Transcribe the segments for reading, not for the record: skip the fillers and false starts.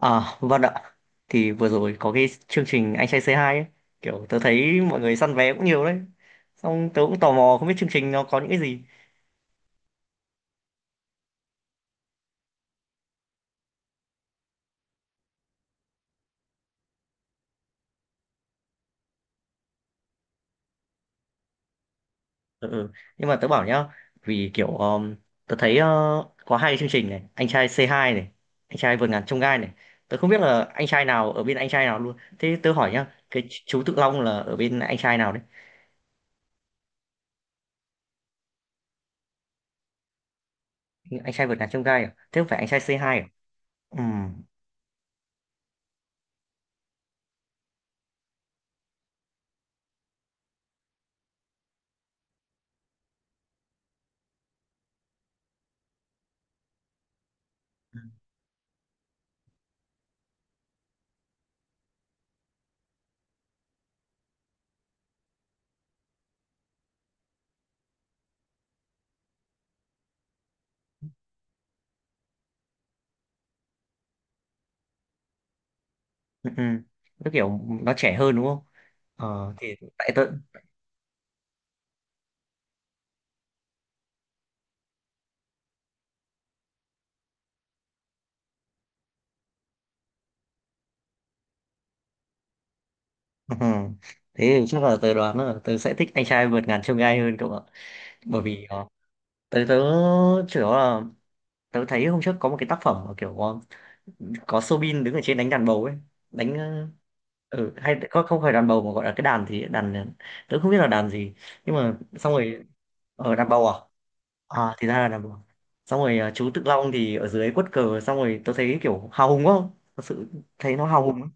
À, vâng ạ. Thì vừa rồi có cái chương trình Anh trai C2 ấy. Kiểu tớ thấy mọi người săn vé cũng nhiều đấy. Xong tớ cũng tò mò không biết chương trình nó có những cái gì. Ừ. Ừ. Nhưng mà tớ bảo nhá, vì kiểu tớ thấy có hai cái chương trình này, Anh trai C2 này, Anh trai vượt ngàn chông gai này. Tớ không biết là anh trai nào ở bên anh trai nào luôn. Thế tớ hỏi nhá, cái chú Tự Long là ở bên anh trai nào đấy? Anh trai vượt ngàn chông gai à? Thế không phải anh trai C2 à? Ừ. Ừ. Ừ. Nó kiểu nó trẻ hơn đúng không? Ờ, thì tại tớ. Ừ. Thế thì chắc là tớ đoán là tớ sẽ thích anh trai vượt ngàn chông gai hơn cậu ạ. Bởi vì tớ tớ chủ yếu là tớ thấy hôm trước có một cái tác phẩm mà kiểu có Soobin đứng ở trên đánh đàn bầu ấy, đánh hay có không phải đàn bầu mà gọi là cái đàn thì đàn tớ không biết là đàn gì. Nhưng mà xong rồi ở đàn bầu à? À thì ra là đàn bầu. Xong rồi chú Tự Long thì ở dưới quất cờ xong rồi tớ thấy kiểu hào hùng quá. Thật sự thấy nó hào hùng.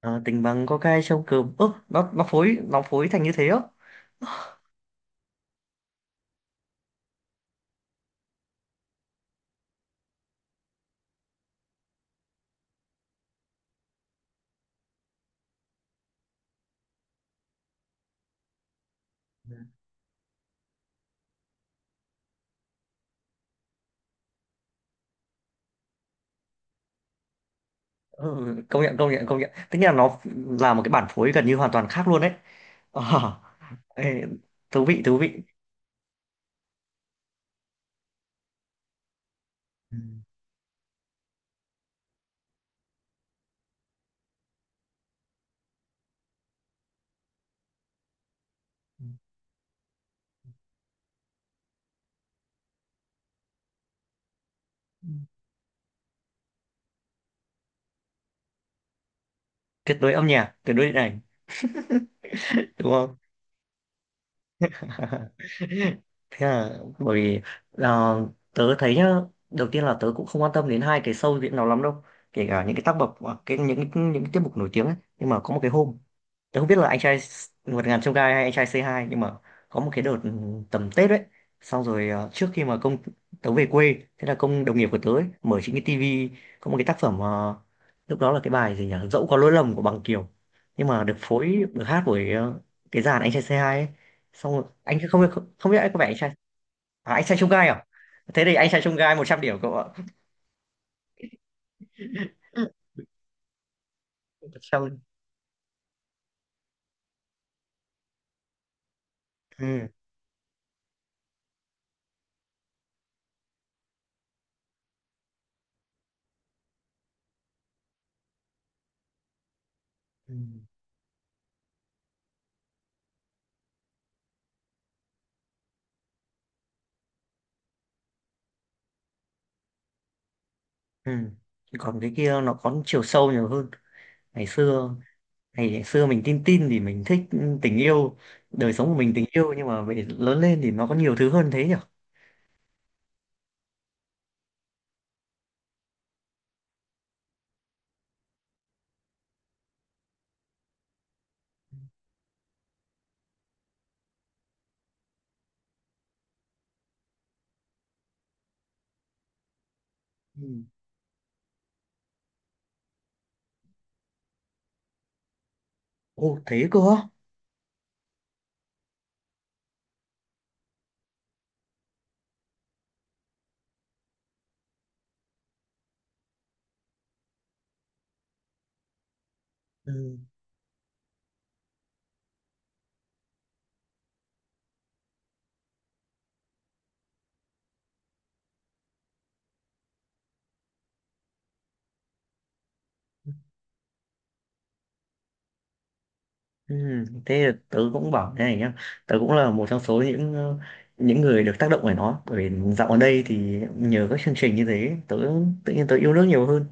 Ờ, tình bằng có cái trông cơm ớ nó phối thành như thế á. Ừ, công nhận công nhận công nhận, tức là nó là một cái bản phối gần như hoàn toàn khác luôn đấy. Ờ, ê, thú vị thú vị. Ừ. Tuyệt đối âm nhạc, tuyệt đối điện ảnh, đúng không? Thế là bởi vì là tớ thấy nhá, đầu tiên là tớ cũng không quan tâm đến hai cái show diễn nào lắm đâu, kể cả những cái tác phẩm, à, cái những cái tiết mục nổi tiếng ấy. Nhưng mà có một cái hôm tớ không biết là anh trai vượt ngàn chông gai hay anh trai C2, nhưng mà có một cái đợt tầm Tết ấy. Xong rồi trước khi mà công tớ về quê, thế là công đồng nghiệp của tớ ấy mở chính cái tivi. Có một cái tác phẩm, lúc đó là cái bài gì nhỉ, dẫu có lỗi lầm của Bằng Kiều, nhưng mà được phối, được hát bởi cái dàn anh trai C2 ấy. Xong rồi, anh không không, không biết, anh có vẻ anh trai, à, anh trai chông gai à. Thế thì anh trai chông gai 100 điểm cậu ạ. Ừ. 100. Ừ. Ừ. Ừ. Còn cái kia nó có chiều sâu nhiều hơn ngày xưa. Ngày xưa mình tin tin thì mình thích tình yêu, đời sống của mình tình yêu, nhưng mà về lớn lên thì nó có nhiều thứ hơn thế nhỉ. Ừ. Ô, thế cơ á. Ừ. Ừ, thế là tớ cũng bảo thế này nhá, tớ cũng là một trong số những người được tác động bởi nó, bởi vì dạo gần đây thì nhờ các chương trình như thế, tớ tự nhiên tớ yêu nước nhiều hơn.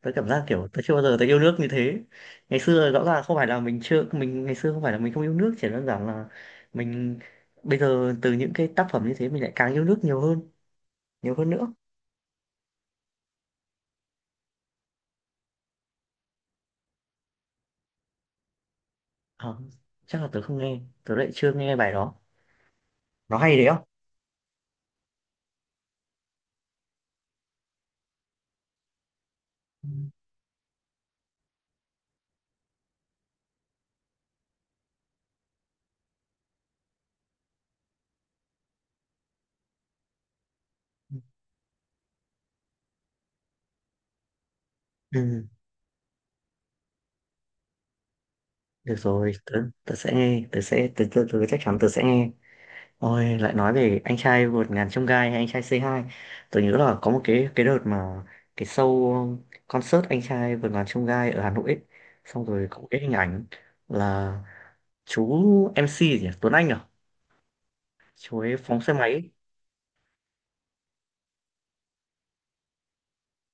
Tớ cảm giác kiểu tớ chưa bao giờ tớ yêu nước như thế. Ngày xưa rõ ràng không phải là mình, ngày xưa không phải là mình không yêu nước, chỉ đơn giản là mình bây giờ từ những cái tác phẩm như thế mình lại càng yêu nước nhiều hơn, nhiều hơn nữa. Ờ, chắc là tớ lại chưa nghe bài đó. Nó hay đấy không? Ừ. Được rồi, tớ sẽ nghe, tớ chắc chắn tớ sẽ nghe. Ôi, lại nói về anh trai vượt ngàn chông gai hay anh trai C2, tớ nhớ là có một cái đợt mà cái show concert anh trai vượt ngàn chông gai ở Hà Nội ấy. Xong rồi có một cái hình ảnh là chú MC gì nhỉ? Tuấn Anh à? Chú ấy phóng xe máy ấy.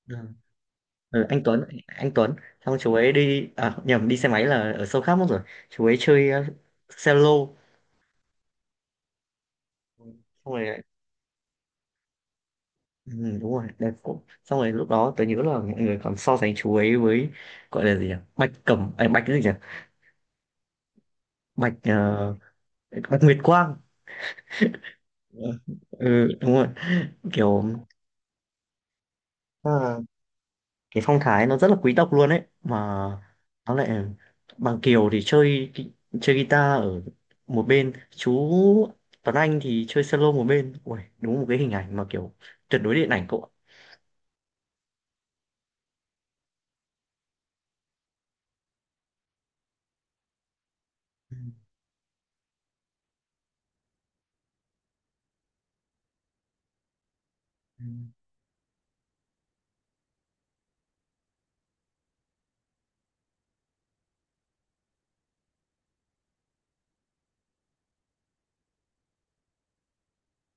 Ừ. Ừ, anh Tuấn, anh Tuấn. Xong chú ấy đi, à nhầm, đi xe máy là ở show khác mất rồi. Chú ấy chơi cello. Xong rồi. Ừ, đúng rồi, đẹp cũng, xong rồi lúc đó tớ nhớ là mọi người còn so sánh chú ấy với, gọi là gì nhỉ, bạch cẩm à, bạch cái gì nhỉ, bạch bạch Nguyệt Quang. Ừ, ừ, đúng rồi, kiểu, à, cái phong thái nó rất là quý tộc luôn ấy mà. Nó lại, Bằng Kiều thì chơi chơi guitar ở một bên, chú Tuấn Anh thì chơi solo một bên. Ui, đúng một cái hình ảnh mà kiểu tuyệt đối điện ảnh cậu ạ.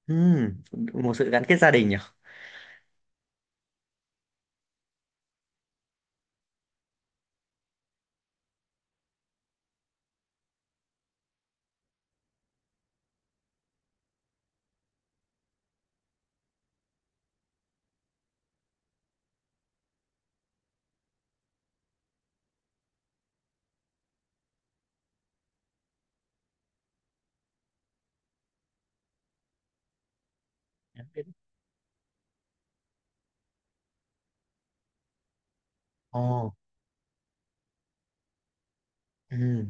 Ừ, một sự gắn kết gia đình nhỉ. Ồ, ừ.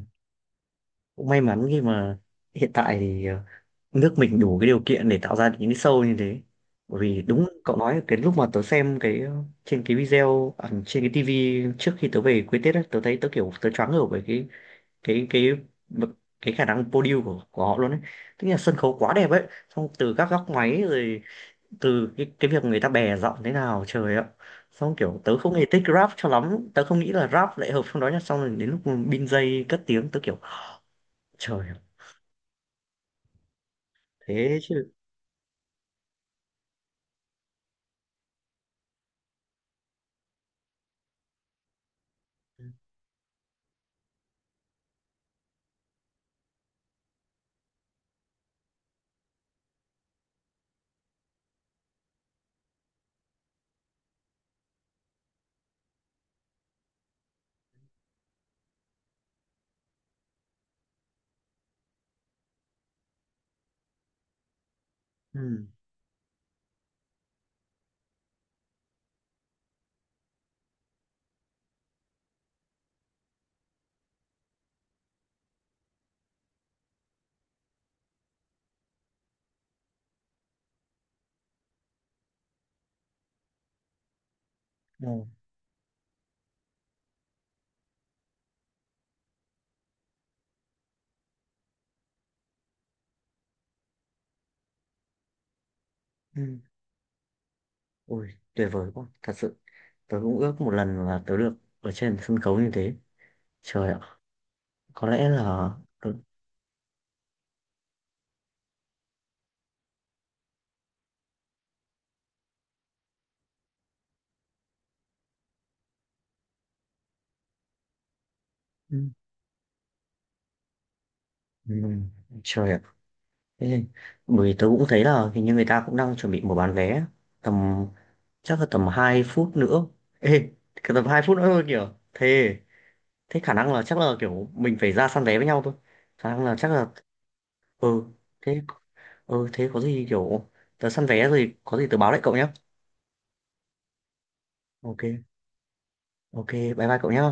Cũng may mắn khi mà hiện tại thì nước mình đủ cái điều kiện để tạo ra được những cái show như thế. Bởi vì đúng cậu nói, cái lúc mà tớ xem cái, trên cái video, à, trên cái tivi trước khi tớ về quê Tết á, tớ thấy tớ kiểu tớ choáng ngợp bởi cái cái cái khả năng podium của họ luôn ấy, tức là sân khấu quá đẹp ấy. Xong từ các góc máy rồi, từ cái việc người ta bè giọng thế nào, trời ạ. Xong kiểu tớ không hề thích rap cho lắm, tớ không nghĩ là rap lại hợp trong đó nhá, xong rồi đến lúc bin dây cất tiếng tớ kiểu, trời ạ, thế chứ. Ừ. Ừ. Ừ. Ôi, tuyệt vời quá. Thật sự, tớ cũng ước một lần là tớ được ở trên sân khấu như thế. Trời ạ, có lẽ là. Ừ. Ừ. Ừ. Trời ạ. Thế, bởi vì tớ cũng thấy là hình như người ta cũng đang chuẩn bị mở bán vé. Tầm, chắc là tầm 2 phút nữa. Ê, cái tầm 2 phút nữa thôi kìa. Thế, thế, khả năng là chắc là kiểu mình phải ra săn vé với nhau thôi. Khả năng là chắc là. Ừ, thế, ừ, thế có gì kiểu. Tớ săn vé rồi, có gì tớ báo lại cậu nhé. Ok. Ok, bye bye cậu nhé.